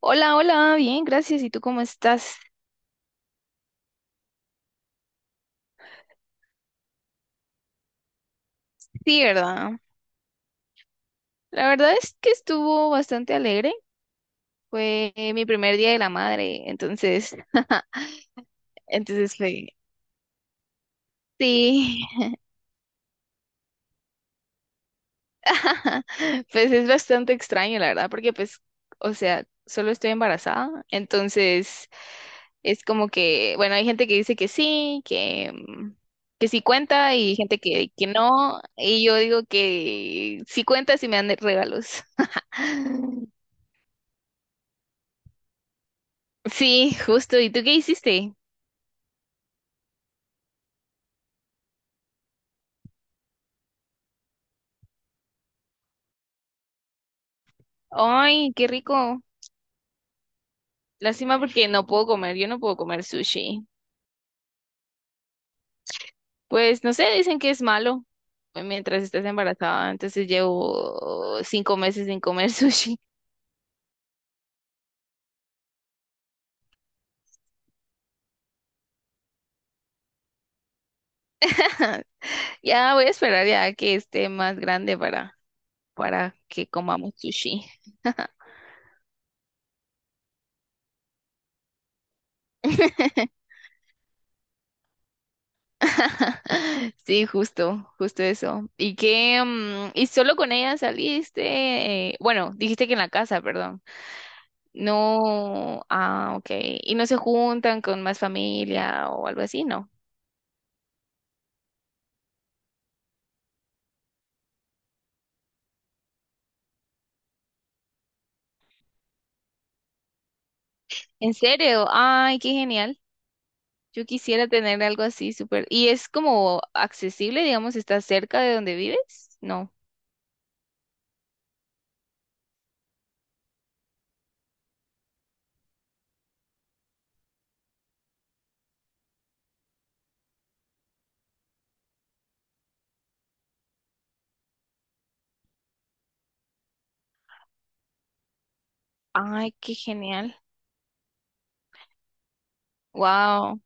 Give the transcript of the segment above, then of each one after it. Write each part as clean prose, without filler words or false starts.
Hola, hola, bien, gracias. ¿Y tú cómo estás? Sí, ¿verdad? La verdad es que estuvo bastante alegre. Fue mi primer día de la madre, entonces, entonces fue, sí, pues es bastante extraño, la verdad, porque pues, o sea, solo estoy embarazada, entonces es como que, bueno, hay gente que dice que sí, que que sí cuenta y gente que no, y yo digo que sí cuenta si me dan regalos. Sí, justo. ¿Y tú qué hiciste? Ay, qué rico. Lástima porque no puedo comer, yo no puedo comer sushi. Pues no sé, dicen que es malo mientras estás embarazada. Entonces llevo 5 meses sin comer sushi. Ya voy a esperar ya que esté más grande para que comamos sushi. Sí, justo, justo eso. ¿Y qué? ¿Y solo con ella saliste? Bueno, dijiste que en la casa, perdón. No, ah, ok. Y no se juntan con más familia o algo así, ¿no? ¿En serio? Ay, qué genial. Yo quisiera tener algo así, súper. ¿Y es como accesible, digamos, está cerca de donde vives? No. Ay, qué genial. Wow.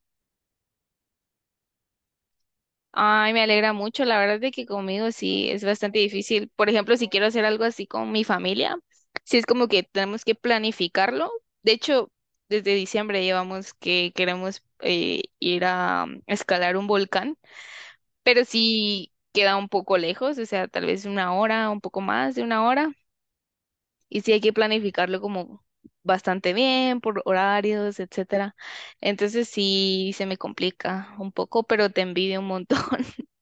Ay, me alegra mucho. La verdad de que conmigo sí es bastante difícil. Por ejemplo, si quiero hacer algo así con mi familia, sí es como que tenemos que planificarlo. De hecho, desde diciembre llevamos que queremos ir a escalar un volcán, pero sí queda un poco lejos, o sea, tal vez 1 hora, un poco más de 1 hora. Y sí hay que planificarlo como bastante bien, por horarios, etcétera. Entonces sí se me complica un poco, pero te envidio un montón.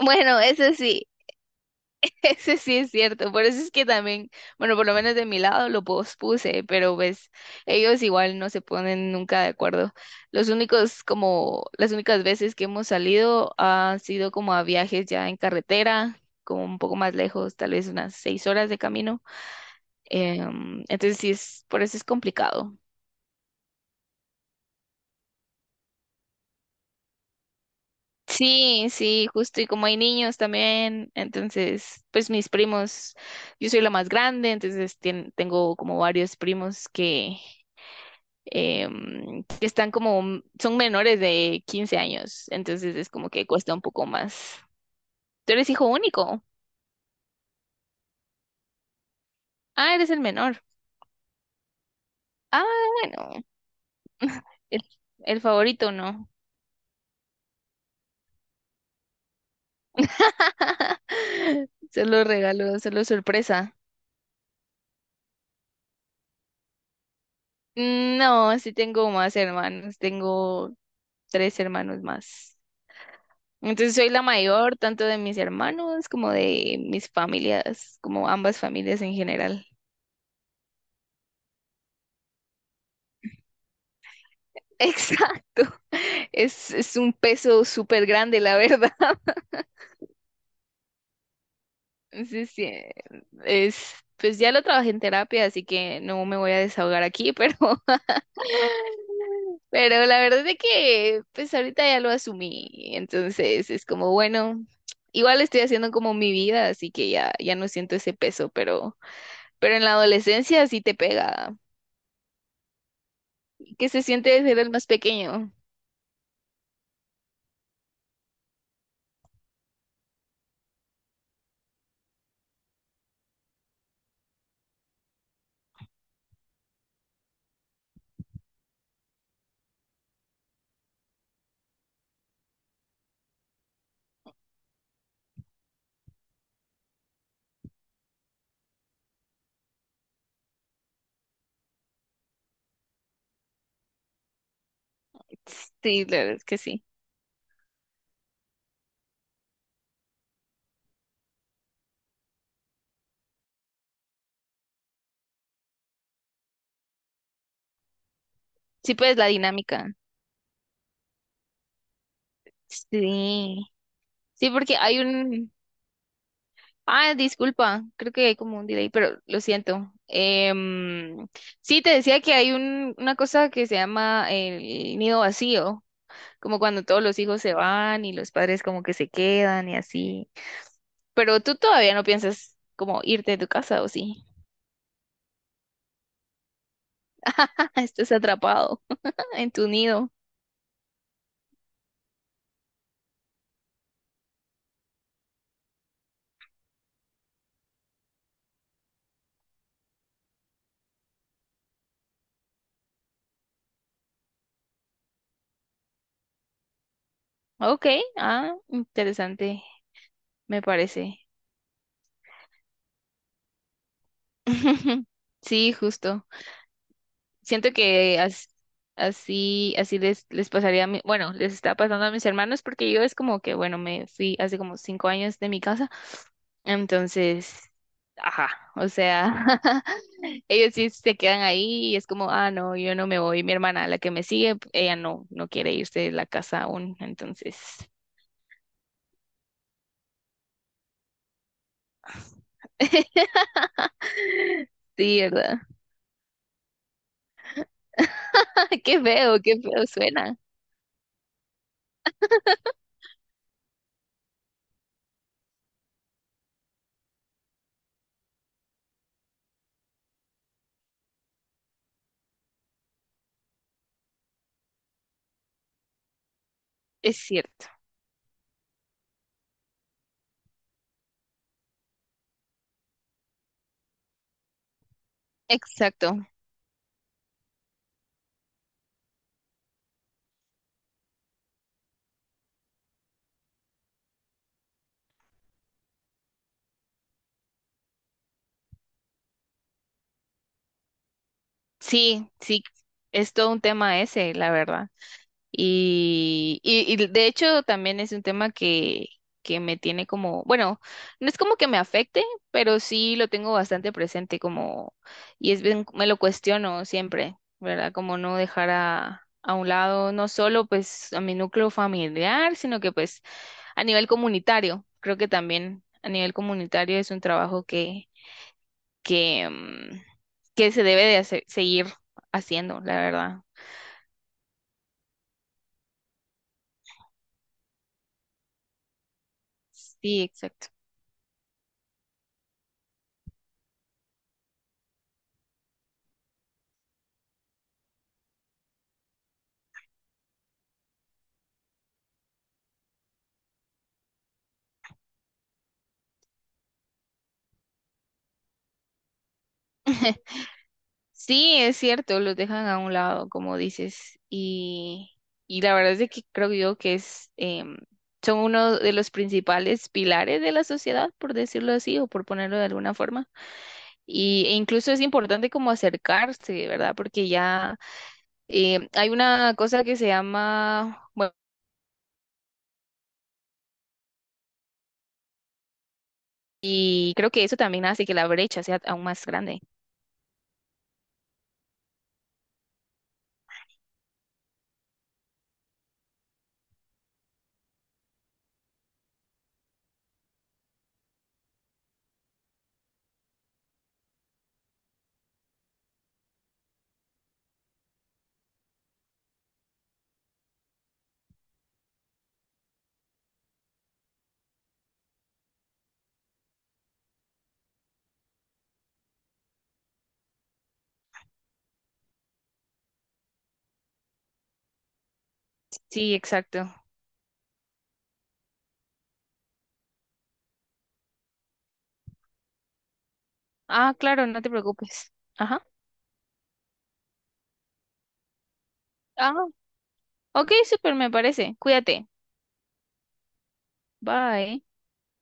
Bueno, eso sí. Ese sí es cierto, por eso es que también, bueno, por lo menos de mi lado lo pospuse, pero pues ellos igual no se ponen nunca de acuerdo. Los únicos, como las únicas veces que hemos salido han sido como a viajes ya en carretera, como un poco más lejos, tal vez unas 6 horas de camino. Entonces sí es, por eso es complicado. Sí, sí, justo, y como hay niños también, entonces, pues mis primos, yo soy la más grande, entonces tengo como varios primos que que están como, son menores de 15 años, entonces es como que cuesta un poco más. Tú eres hijo único. Ah, eres el menor. Ah, bueno, el, el favorito no. Solo regalo, solo sorpresa. No, sí tengo más hermanos, tengo tres hermanos más. Entonces soy la mayor, tanto de mis hermanos como de mis familias, como ambas familias en general. Exacto. Es un peso súper grande, la verdad. Sí, sí. Es, pues ya lo trabajé en terapia, así que no me voy a desahogar aquí, pero, pero la verdad es que pues ahorita ya lo asumí. Entonces es como, bueno, igual estoy haciendo como mi vida, así que ya, ya no siento ese peso, pero en la adolescencia sí te pega. ¿Qué se siente de ser el más pequeño? Sí, la verdad es que sí. Sí, pues la dinámica. Sí. Sí, porque hay un, Ah, disculpa, creo que hay como un delay, pero lo siento. Sí, te decía que hay una cosa que se llama el nido vacío, como cuando todos los hijos se van y los padres como que se quedan y así. Pero tú todavía no piensas como irte de tu casa, ¿o sí? Estás atrapado en tu nido. Ok, ah, interesante, me parece. Sí, justo. Siento que as- Así, así les pasaría a bueno, les está pasando a mis hermanos porque yo es como que, bueno, me fui hace como 5 años de mi casa, entonces, ajá, o sea, ellos sí se quedan ahí y es como, ah, no, yo no me voy, mi hermana, la que me sigue, ella no quiere irse de la casa aún, entonces, sí, ¿verdad? Qué feo suena, es cierto, exacto, sí, sí, es todo un tema ese, la verdad. Y de hecho también es un tema que me tiene como, bueno, no es como que me afecte, pero sí lo tengo bastante presente como, y es bien, me lo cuestiono siempre, ¿verdad? Como no dejar a un lado, no solo pues a mi núcleo familiar, sino que pues a nivel comunitario, creo que también a nivel comunitario es un trabajo que que se debe de seguir haciendo, la verdad. Sí, exacto. Sí, es cierto, los dejan a un lado, como dices, y la verdad es de que creo yo que es, son uno de los principales pilares de la sociedad, por decirlo así, o por ponerlo de alguna forma. Y, e incluso es importante como acercarse, ¿verdad? Porque ya hay una cosa que se llama, bueno, y creo que eso también hace que la brecha sea aún más grande. Sí, exacto. Ah, claro, no te preocupes. Ajá. Ah, ok, súper, me parece. Cuídate. Bye.